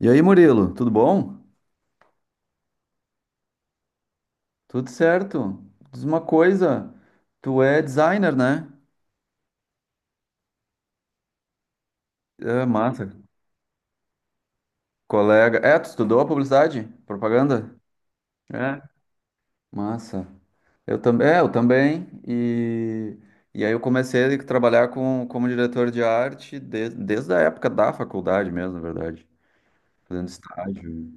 E aí, Murilo, tudo bom? Tudo certo? Diz uma coisa, tu é designer, né? É, massa. Colega. É, tu estudou a publicidade? Propaganda? É. Massa. Eu também. E aí eu comecei a trabalhar com, como diretor de arte desde a época da faculdade mesmo, na verdade. Fazendo estágio.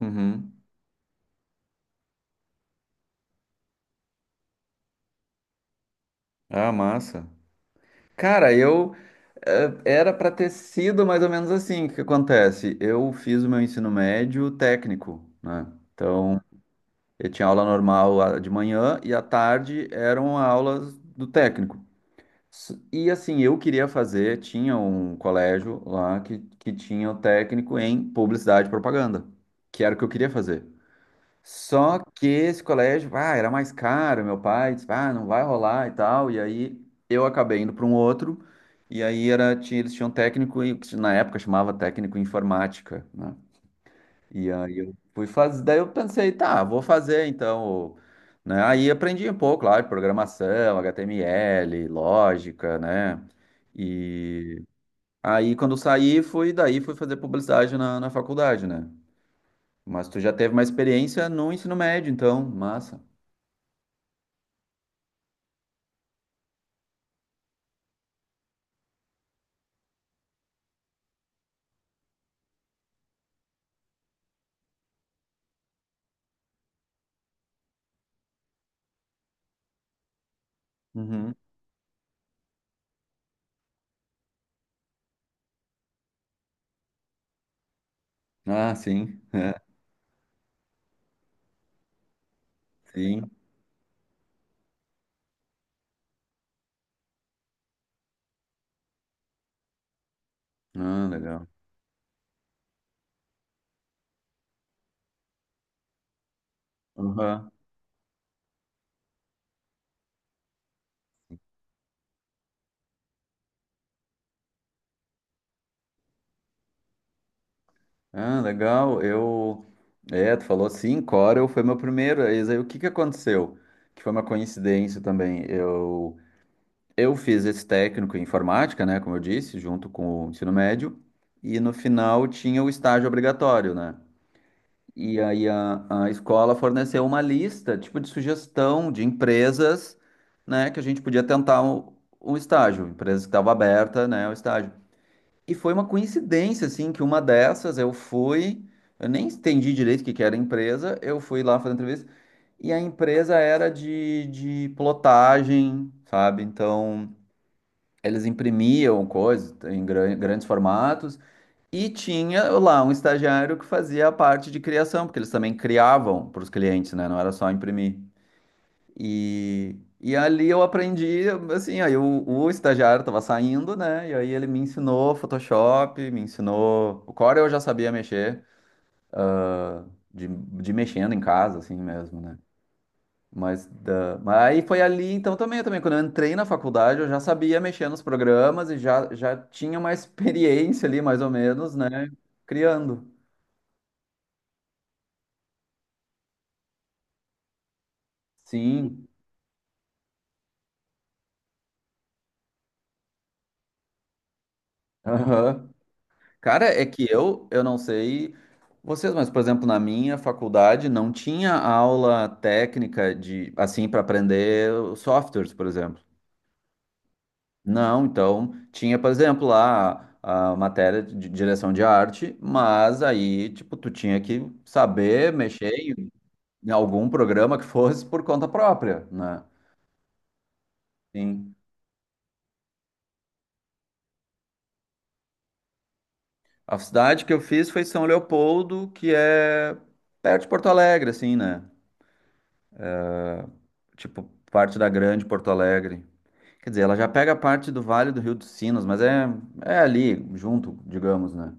Uhum. Ah, massa. Cara, era para ter sido mais ou menos assim. O que que acontece? Eu fiz o meu ensino médio técnico, né? Então, eu tinha aula normal, de manhã, e à tarde eram aulas do técnico. E assim, eu queria fazer, tinha um colégio lá que tinha o técnico em publicidade e propaganda, que era o que eu queria fazer. Só que esse colégio, era mais caro. Meu pai disse, não vai rolar e tal. E aí eu acabei indo para um outro, e aí eles tinham técnico, que na época chamava técnico em informática, né? E aí eu fui fazer, daí eu pensei, tá, vou fazer então, né? Aí aprendi um pouco, claro, programação, HTML, lógica, né? E aí quando eu saí, fui, daí fui fazer publicidade na faculdade, né? Mas tu já teve uma experiência no ensino médio, então, massa. Uhum. Ah, sim. É, sim. Ah, legal. Uhum. Ah, legal. Eu. É, tu falou sim, Corel foi meu primeiro. Eis aí, o que que aconteceu? Que foi uma coincidência também. Eu fiz esse técnico em informática, né? Como eu disse, junto com o ensino médio. E no final tinha o estágio obrigatório, né? E aí a escola forneceu uma lista, tipo, de sugestão de empresas, né? Que a gente podia tentar um estágio. Empresa que estava aberta, né? O estágio. E foi uma coincidência, assim, que uma dessas eu fui, eu nem entendi direito o que que era a empresa. Eu fui lá fazer entrevista, e a empresa era de plotagem, sabe? Então, eles imprimiam coisas em grandes formatos, e tinha lá um estagiário que fazia a parte de criação, porque eles também criavam para os clientes, né? Não era só imprimir. E ali eu aprendi, assim. Aí o estagiário estava saindo, né? E aí ele me ensinou Photoshop, me ensinou. O Core eu já sabia mexer, de mexendo em casa, assim mesmo, né? Mas aí foi ali. Então também, também, quando eu entrei na faculdade, eu já sabia mexer nos programas e já, já tinha uma experiência ali, mais ou menos, né? Criando. Sim. Aham. Cara, é que eu não sei vocês, mas, por exemplo, na minha faculdade não tinha aula técnica de, assim, para aprender os softwares, por exemplo. Não, então tinha, por exemplo, lá a matéria de direção de arte, mas aí, tipo, tu tinha que saber mexer em algum programa que fosse por conta própria, né? Sim. A cidade que eu fiz foi São Leopoldo, que é perto de Porto Alegre, assim, né? Tipo, parte da grande Porto Alegre. Quer dizer, ela já pega parte do Vale do Rio dos Sinos, mas é ali, junto, digamos, né?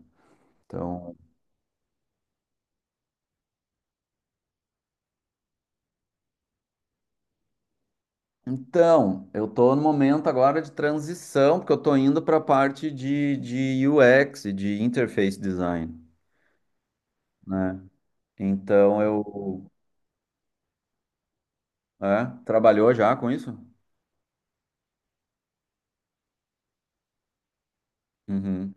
Então, então, eu tô no momento agora de transição, porque eu tô indo para a parte de UX, e de interface design, né? Então, eu... É, trabalhou já com isso? Uhum.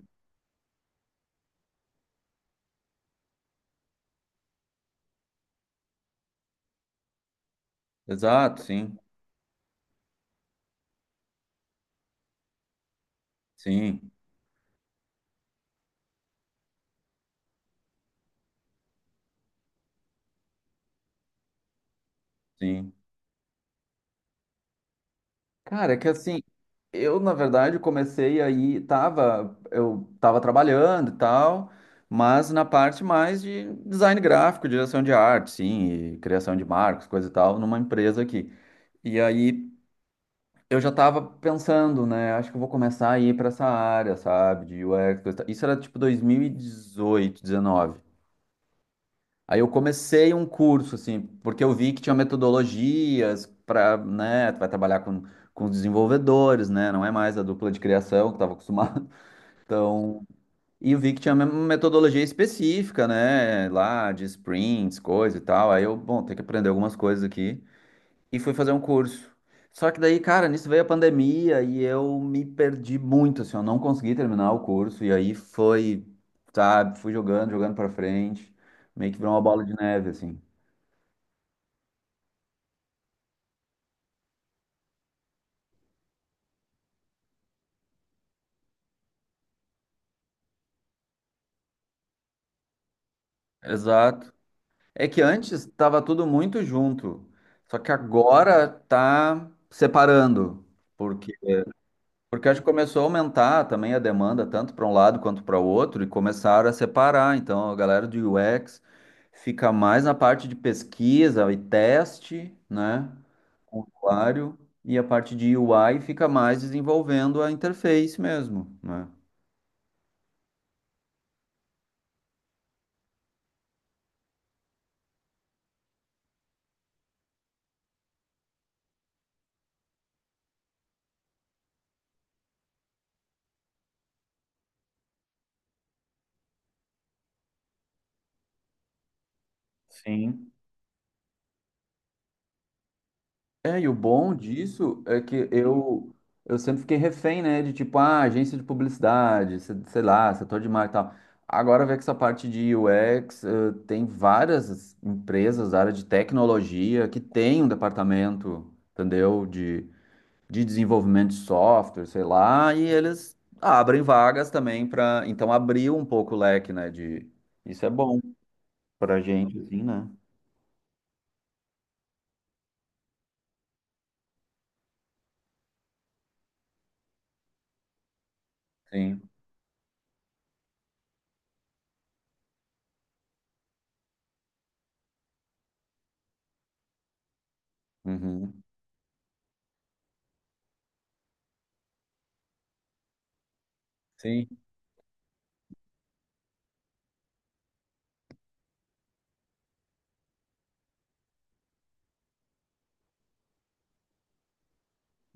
Exato, sim, sim, sim. Cara, é que assim, eu na verdade comecei aí, eu tava trabalhando e tal, mas na parte mais de design gráfico, direção de arte, sim, e criação de marcos, coisa e tal, numa empresa aqui. E aí eu já tava pensando, né, acho que eu vou começar a ir pra essa área, sabe, de UX, coisa e tal. Isso era tipo 2018, 2019. Aí eu comecei um curso, assim, porque eu vi que tinha metodologias para, né, tu vai trabalhar com os desenvolvedores, né, não é mais a dupla de criação que eu estava acostumado. Então, e eu vi que tinha uma metodologia específica, né, lá de sprints, coisa e tal. Aí eu, bom, tem que aprender algumas coisas aqui. E fui fazer um curso. Só que daí, cara, nisso veio a pandemia e eu me perdi muito, assim, eu não consegui terminar o curso. E aí foi, sabe, fui jogando, jogando para frente, meio que virou uma bola de neve, assim. Exato. É que antes estava tudo muito junto, só que agora tá separando, porque porque acho que começou a aumentar também a demanda tanto para um lado quanto para o outro, e começaram a separar. Então a galera do UX fica mais na parte de pesquisa e teste, né, com o usuário. E a parte de UI fica mais desenvolvendo a interface mesmo, né? Sim. É, e o bom disso é que eu sempre fiquei refém, né? De tipo, ah, agência de publicidade, sei lá, setor de marketing e tal. Agora vê que essa parte de UX, tem várias empresas da área de tecnologia que tem um departamento, entendeu? De desenvolvimento de software, sei lá, e eles abrem vagas também para. Então abriu um pouco o leque, né? Isso é bom pra gente, assim, né? Sim. Uhum. Sim.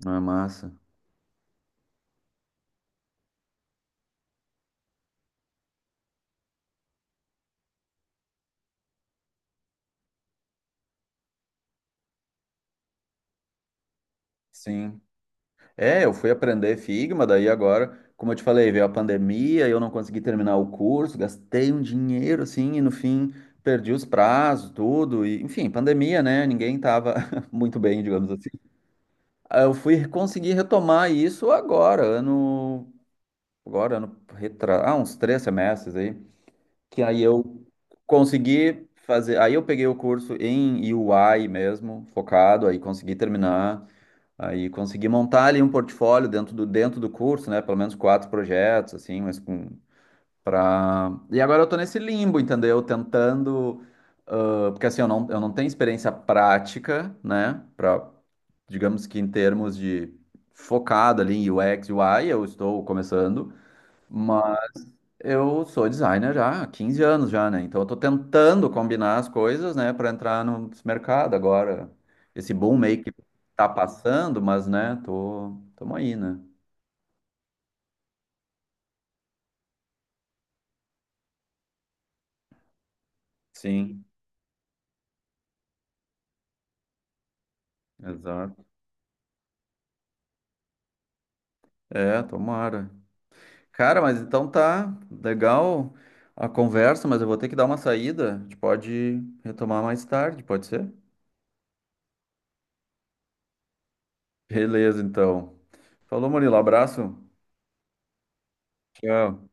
Não é massa. Sim. É, eu fui aprender Figma. Daí agora, como eu te falei, veio a pandemia. Eu não consegui terminar o curso, gastei um dinheiro assim, e no fim perdi os prazos, tudo, e enfim, pandemia, né? Ninguém tava muito bem, digamos assim. Aí eu fui conseguir retomar isso agora, uns 3 semestres aí, que aí eu consegui fazer. Aí eu peguei o curso em UI mesmo, focado, aí consegui terminar. Aí consegui montar ali um portfólio dentro do curso, né? Pelo menos quatro projetos, assim, mas com. Pra... E agora eu tô nesse limbo, entendeu? Tentando. Ah, porque assim, eu não tenho experiência prática, né? Pra, digamos que em termos de focado ali em UX, UI, eu estou começando. Mas eu sou designer já há 15 anos já, né? Então eu tô tentando combinar as coisas, né, para entrar no mercado agora. Esse boom meio que tá passando, mas né, tô, tamo aí, né? Sim, exato. É, tomara. Cara, mas então tá legal a conversa, mas eu vou ter que dar uma saída. A gente pode retomar mais tarde, pode ser? Beleza, então. Falou, Murilo, abraço. Tchau.